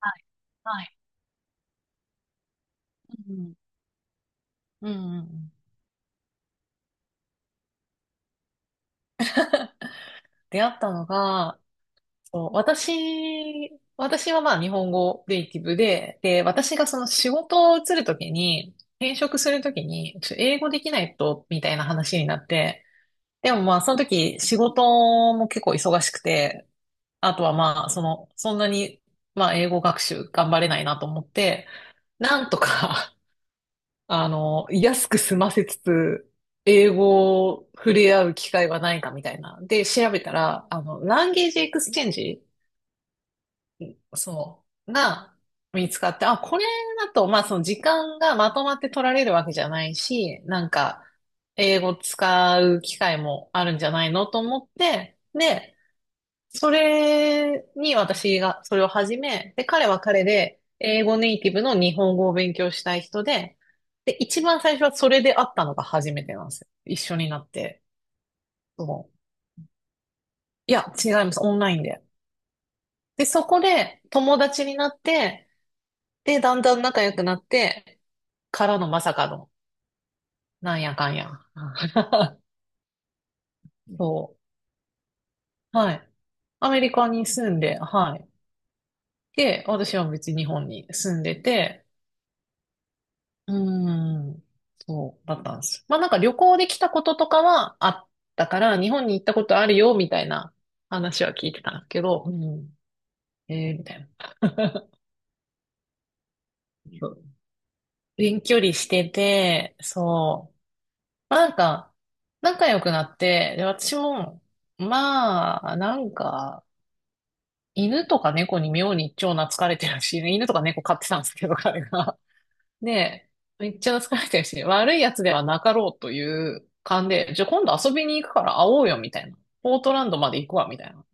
はい。はい。うんうん。うんうんうん。出会ったのが、そう、私はまあ日本語ネイティブで、私がその仕事を移るときに、転職するときに、英語できないと、みたいな話になって、でもまあその時仕事も結構忙しくて、あとはまあその、そんなにまあ英語学習頑張れないなと思って、なんとか 安く済ませつつ、英語を触れ合う機会はないかみたいな。で、調べたら、ランゲージエクスチェンジ、そう、が見つかって、あ、これだと、まあ、その時間がまとまって取られるわけじゃないし、なんか、英語使う機会もあるんじゃないのと思って、で、それに私がそれを始め、で、彼は彼で英語ネイティブの日本語を勉強したい人で、で、一番最初はそれで会ったのが初めてなんですよ。一緒になって。そう。いや、違います。オンラインで。で、そこで友達になって、で、だんだん仲良くなって、からのまさかの、なんやかんや。そう。はい。アメリカに住んで、はい。で、私は別に日本に住んでて、うーん、そうだったんです。まあなんか旅行で来たこととかはあったから、日本に行ったことあるよ、みたいな話は聞いてたんだけど、うん、えー、みたいな。そう、遠距離してて、そう。まあなんか、仲良くなって、で、私も、まあ、なんか、犬とか猫に妙に超懐かれてるし、犬とか猫飼ってたんですけど、彼が。で、めっちゃ懐かれてるし、悪いやつではなかろうという勘で、じゃあ今度遊びに行くから会おうよ、みたいな。ポートランドまで行くわ、みたいな。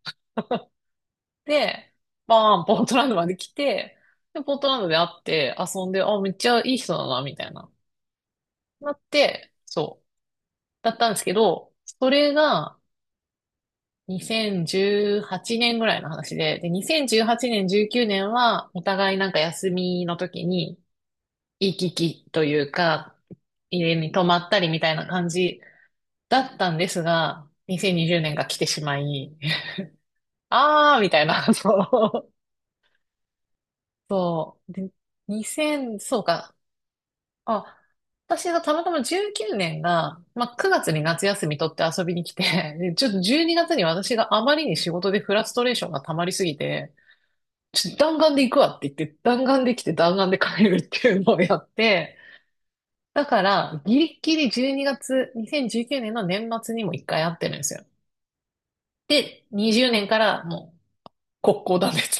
で、バーン、ポートランドまで来て、で、ポートランドで会って遊んで、あ、めっちゃいい人だな、みたいな。なって、そう。だったんですけど、それが2018年ぐらいの話で、2018年、19年は、お互いなんか休みの時に、行き来というか、家に泊まったりみたいな感じだったんですが、2020年が来てしまい、あーみたいな、そう。そう。で、2000、そうか。あ、私がたまたま19年が、まあ、9月に夏休み取って遊びに来て、で、ちょっと12月にがつに私があまりに仕事でフラストレーションが溜まりすぎて、ちょっと弾丸で行くわって言って、弾丸で来て弾丸で帰るっていうのをやって、だから、ギリッギリ12月、2019年の年末にも一回会ってるんですよ。20年からも国交断絶。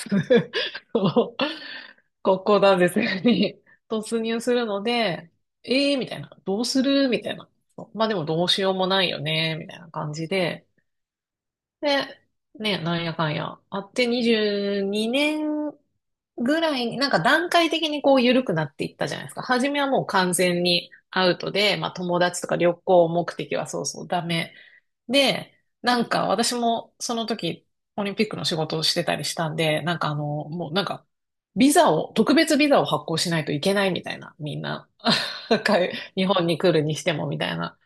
そう、国交断絶に突入するので、えーみたいな。どうするみたいな。そう、まあでもどうしようもないよねみたいな感じで、で、ね、なんやかんや、あって22年ぐらいに、なんか段階的にこう緩くなっていったじゃないですか。初めはもう完全にアウトで、まあ友達とか旅行目的はそうそうダメ。で、なんか私もその時オリンピックの仕事をしてたりしたんで、なんかもうなんかビザを、特別ビザを発行しないといけないみたいな、みんな。か日本に来るにしてもみたいな。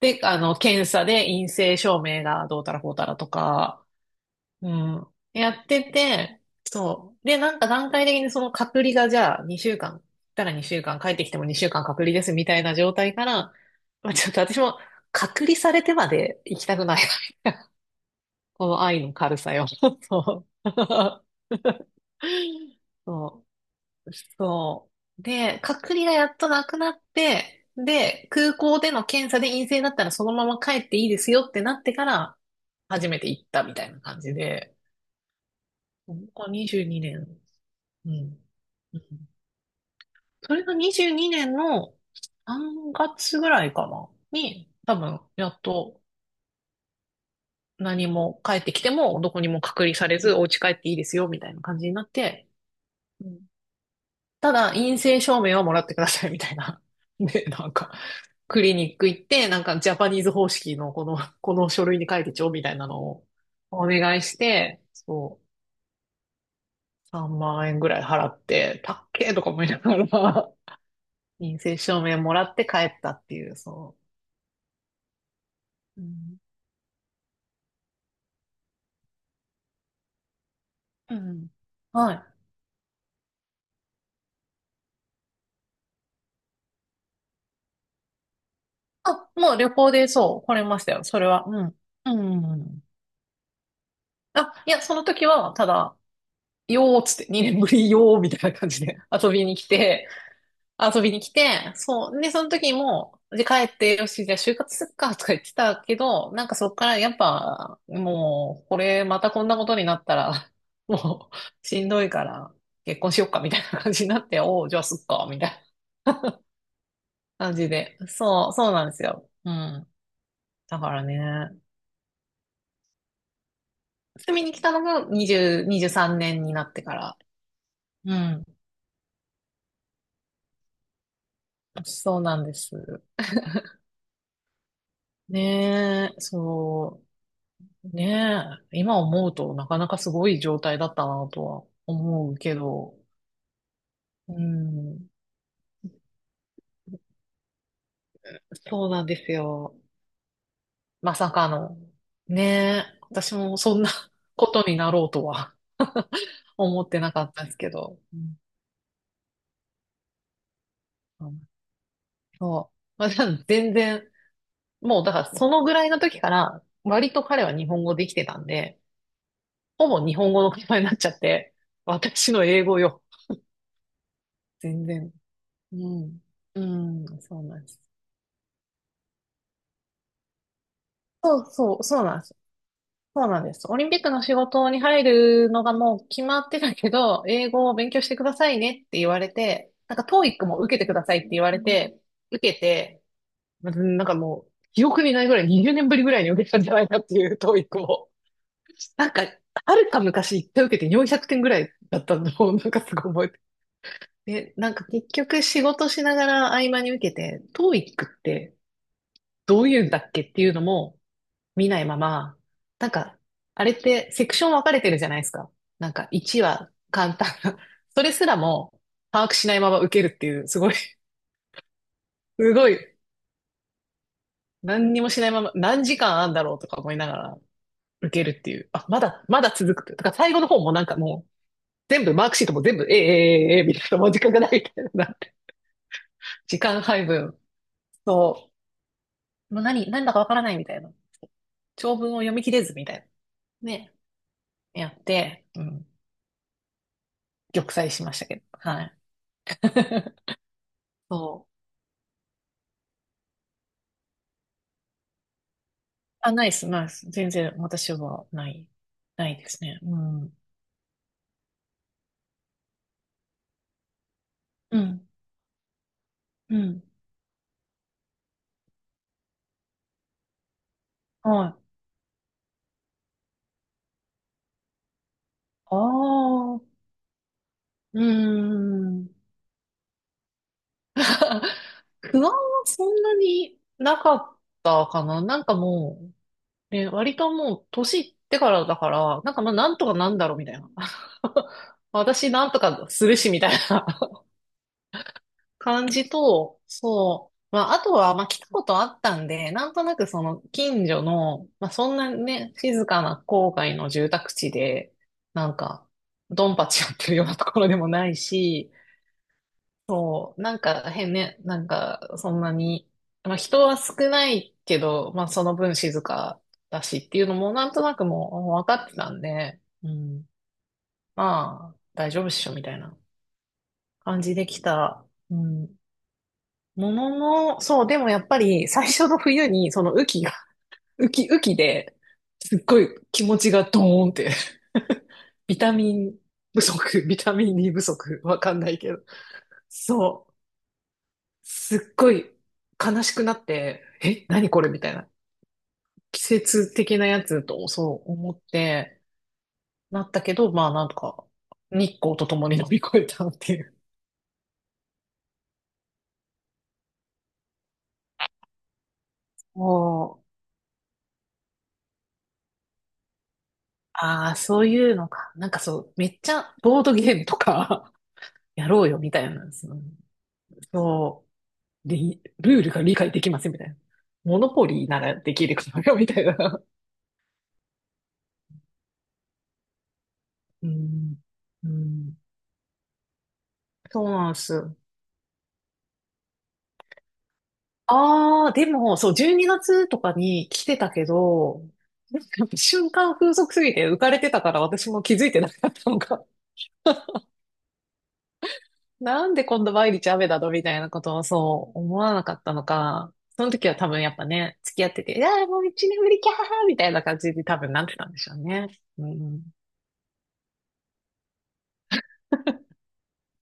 で、検査で陰性証明がどうたらこうたらとか、うん、やってて、そう。で、なんか段階的にその隔離がじゃあ2週間、行ったら2週間、帰ってきても2週間隔離ですみたいな状態から、まあ、ちょっと私も隔離されてまで行きたくないな。 この愛の軽さよ。そう。そうそう。で、隔離がやっとなくなって、で、空港での検査で陰性だったらそのまま帰っていいですよってなってから、初めて行ったみたいな感じで、ここ22年、うん。うん。それが22年の3月ぐらいかな、に、多分、やっと何も帰ってきても、どこにも隔離されず、お家帰っていいですよみたいな感じになって、ただ陰性証明はもらってくださいみたいな。で、なんか、クリニック行って、なんかジャパニーズ方式のこの、この書類に書いてちょうみたいなのをお願いして、そう、3万円ぐらい払って、たっけーとか思いながら、陰性証明もらって帰ったっていう、そう。うん。うん。はい。あ、もう旅行でそう、来れましたよ。それは。うん。うん。うん。あ、いや、その時は、ただ、よーっつって、2年ぶりよーみたいな感じで遊びに来て、遊びに来て、そう。で、その時も、で、帰って、よし、じゃあ就活すっか、とか言ってたけど、なんかそっからやっぱ、もう、これ、またこんなことになったら、もう、しんどいから、結婚しよっか、みたいな感じになって、おう、じゃあすっか、みたいな感じで。そう、そうなんですよ。うん。だからね、住みに来たのが20、23年になってから。うん。そうなんです。ねえ、そう。ねえ、今思うとなかなかすごい状態だったなとは思うけど、うん、そうなんですよ。まさかの。ねえ、私もそんな ことになろうとは 思ってなかったですけど。うん。そう。まあ、じゃあ全然、もうだからそのぐらいの時から割と彼は日本語できてたんで、ほぼ日本語の会話になっちゃって、私の英語よ。全然。うん。うん、そうなんです。そうそう、そうなんです。そうなんです。オリンピックの仕事に入るのがもう決まってたけど、英語を勉強してくださいねって言われて、なんか TOEIC も受けてくださいって言われて、受けて、うん、なんかもう、記憶にないぐらい20年ぶりぐらいに受けたんじゃないかっていう TOEIC を。なんか、はるか昔一回受けて400点ぐらいだったのを、なんかすごい覚えて。で、なんか結局仕事しながら合間に受けて、TOEIC ってどういうんだっけっていうのも、見ないまま、なんか、あれってセクション分かれてるじゃないですか。なんか、1は簡単な。それすらも把握しないまま受けるっていう、すごい、すごい、何にもしないまま、何時間あんだろうとか思いながら受けるっていう。あ、まだ、まだ続くって。だから最後の方もなんかもう、全部、マークシートも全部、ええええええみたいな、もう時間がないみたいな。時間配分。そう。もう何、何だかわからないみたいな。長文を読み切れずみたいな。ね。やって、うん。玉砕しましたけど。はい。そう。あ、ないです、ないです。全然私はない、ないですね。うん。うん。うん。はい。ああ、うーん。不安はそんなになかったかな。なんかもう、ね、割ともう年いってからだから、なんかまあなんとかなんだろうみたいな。私なんとかするしみたいな感じと、そう。まあ、あとは、まあ、来たことあったんで、なんとなくその近所の、まあ、そんなね、静かな郊外の住宅地で、なんか、ドンパチやってるようなところでもないし、そう、なんか変ね、なんか、そんなに、まあ、人は少ないけど、まあ、その分静かだしっていうのも、なんとなくもう分かってたんで、うん、まあ、大丈夫っしょ、みたいな感じで来た。うん。ものの、そう、でもやっぱり最初の冬にその雨季が、雨季で、すっごい気持ちがドーンって、 ビタミンビタミン D 不足、わかんないけど。そう。すっごい悲しくなって、え、何これみたいな。季節的なやつと、そう思って、なったけど、まあなんか、日光と共に乗り越えたっていう。もう、ああ、そういうのか。なんかそう、めっちゃボードゲームとかやろうよみたいなんですよ。そう、ルールが理解できませんみたいな。モノポリーならできるからよみたいな。うん、うん、そうなんです。ああ、でも、そう、12月とかに来てたけど、なんか瞬間風速すぎて浮かれてたから私も気づいてなかったのか。なんで今度毎日雨だのみたいなことをそう思わなかったのか。その時は多分やっぱね、付き合ってて、いやーもう一年ぶりキャーみたいな感じで多分なってたんでしょうね。うん。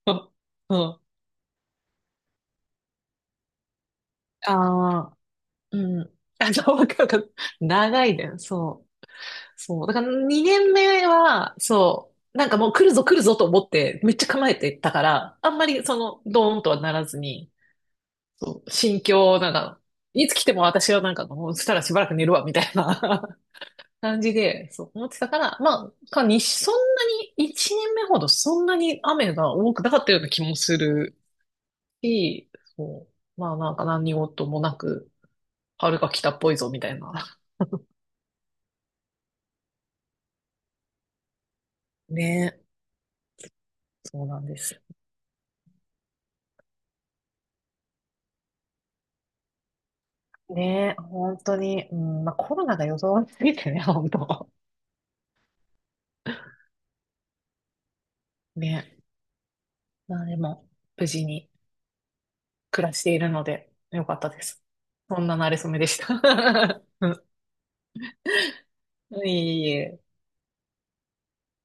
うん。ああ、うん。あ、そう、わかるか長いね。そう。そう。だから2年目は、そう。なんかもう来るぞ来るぞと思って、めっちゃ構えてたから、あんまりその、ドーンとはならずに、そう、心境、なんか、いつ来ても私はなんか、もうしたらしばらく寝るわ、みたいな 感じで、そう思ってたから、まあ、かに、そんなに、1年目ほどそんなに雨が多くなかったような気もするし、そう。まあなんか何事もなく、春が来たっぽいぞ、みたいな。ねえ、そうなんですよ。ねえ、本当に、うん、まあ、コロナが予想すぎてね、本当。ねえ、まあでも、無事に暮らしているので、よかったです。そんな馴れ初めでした。うん。いえいえ。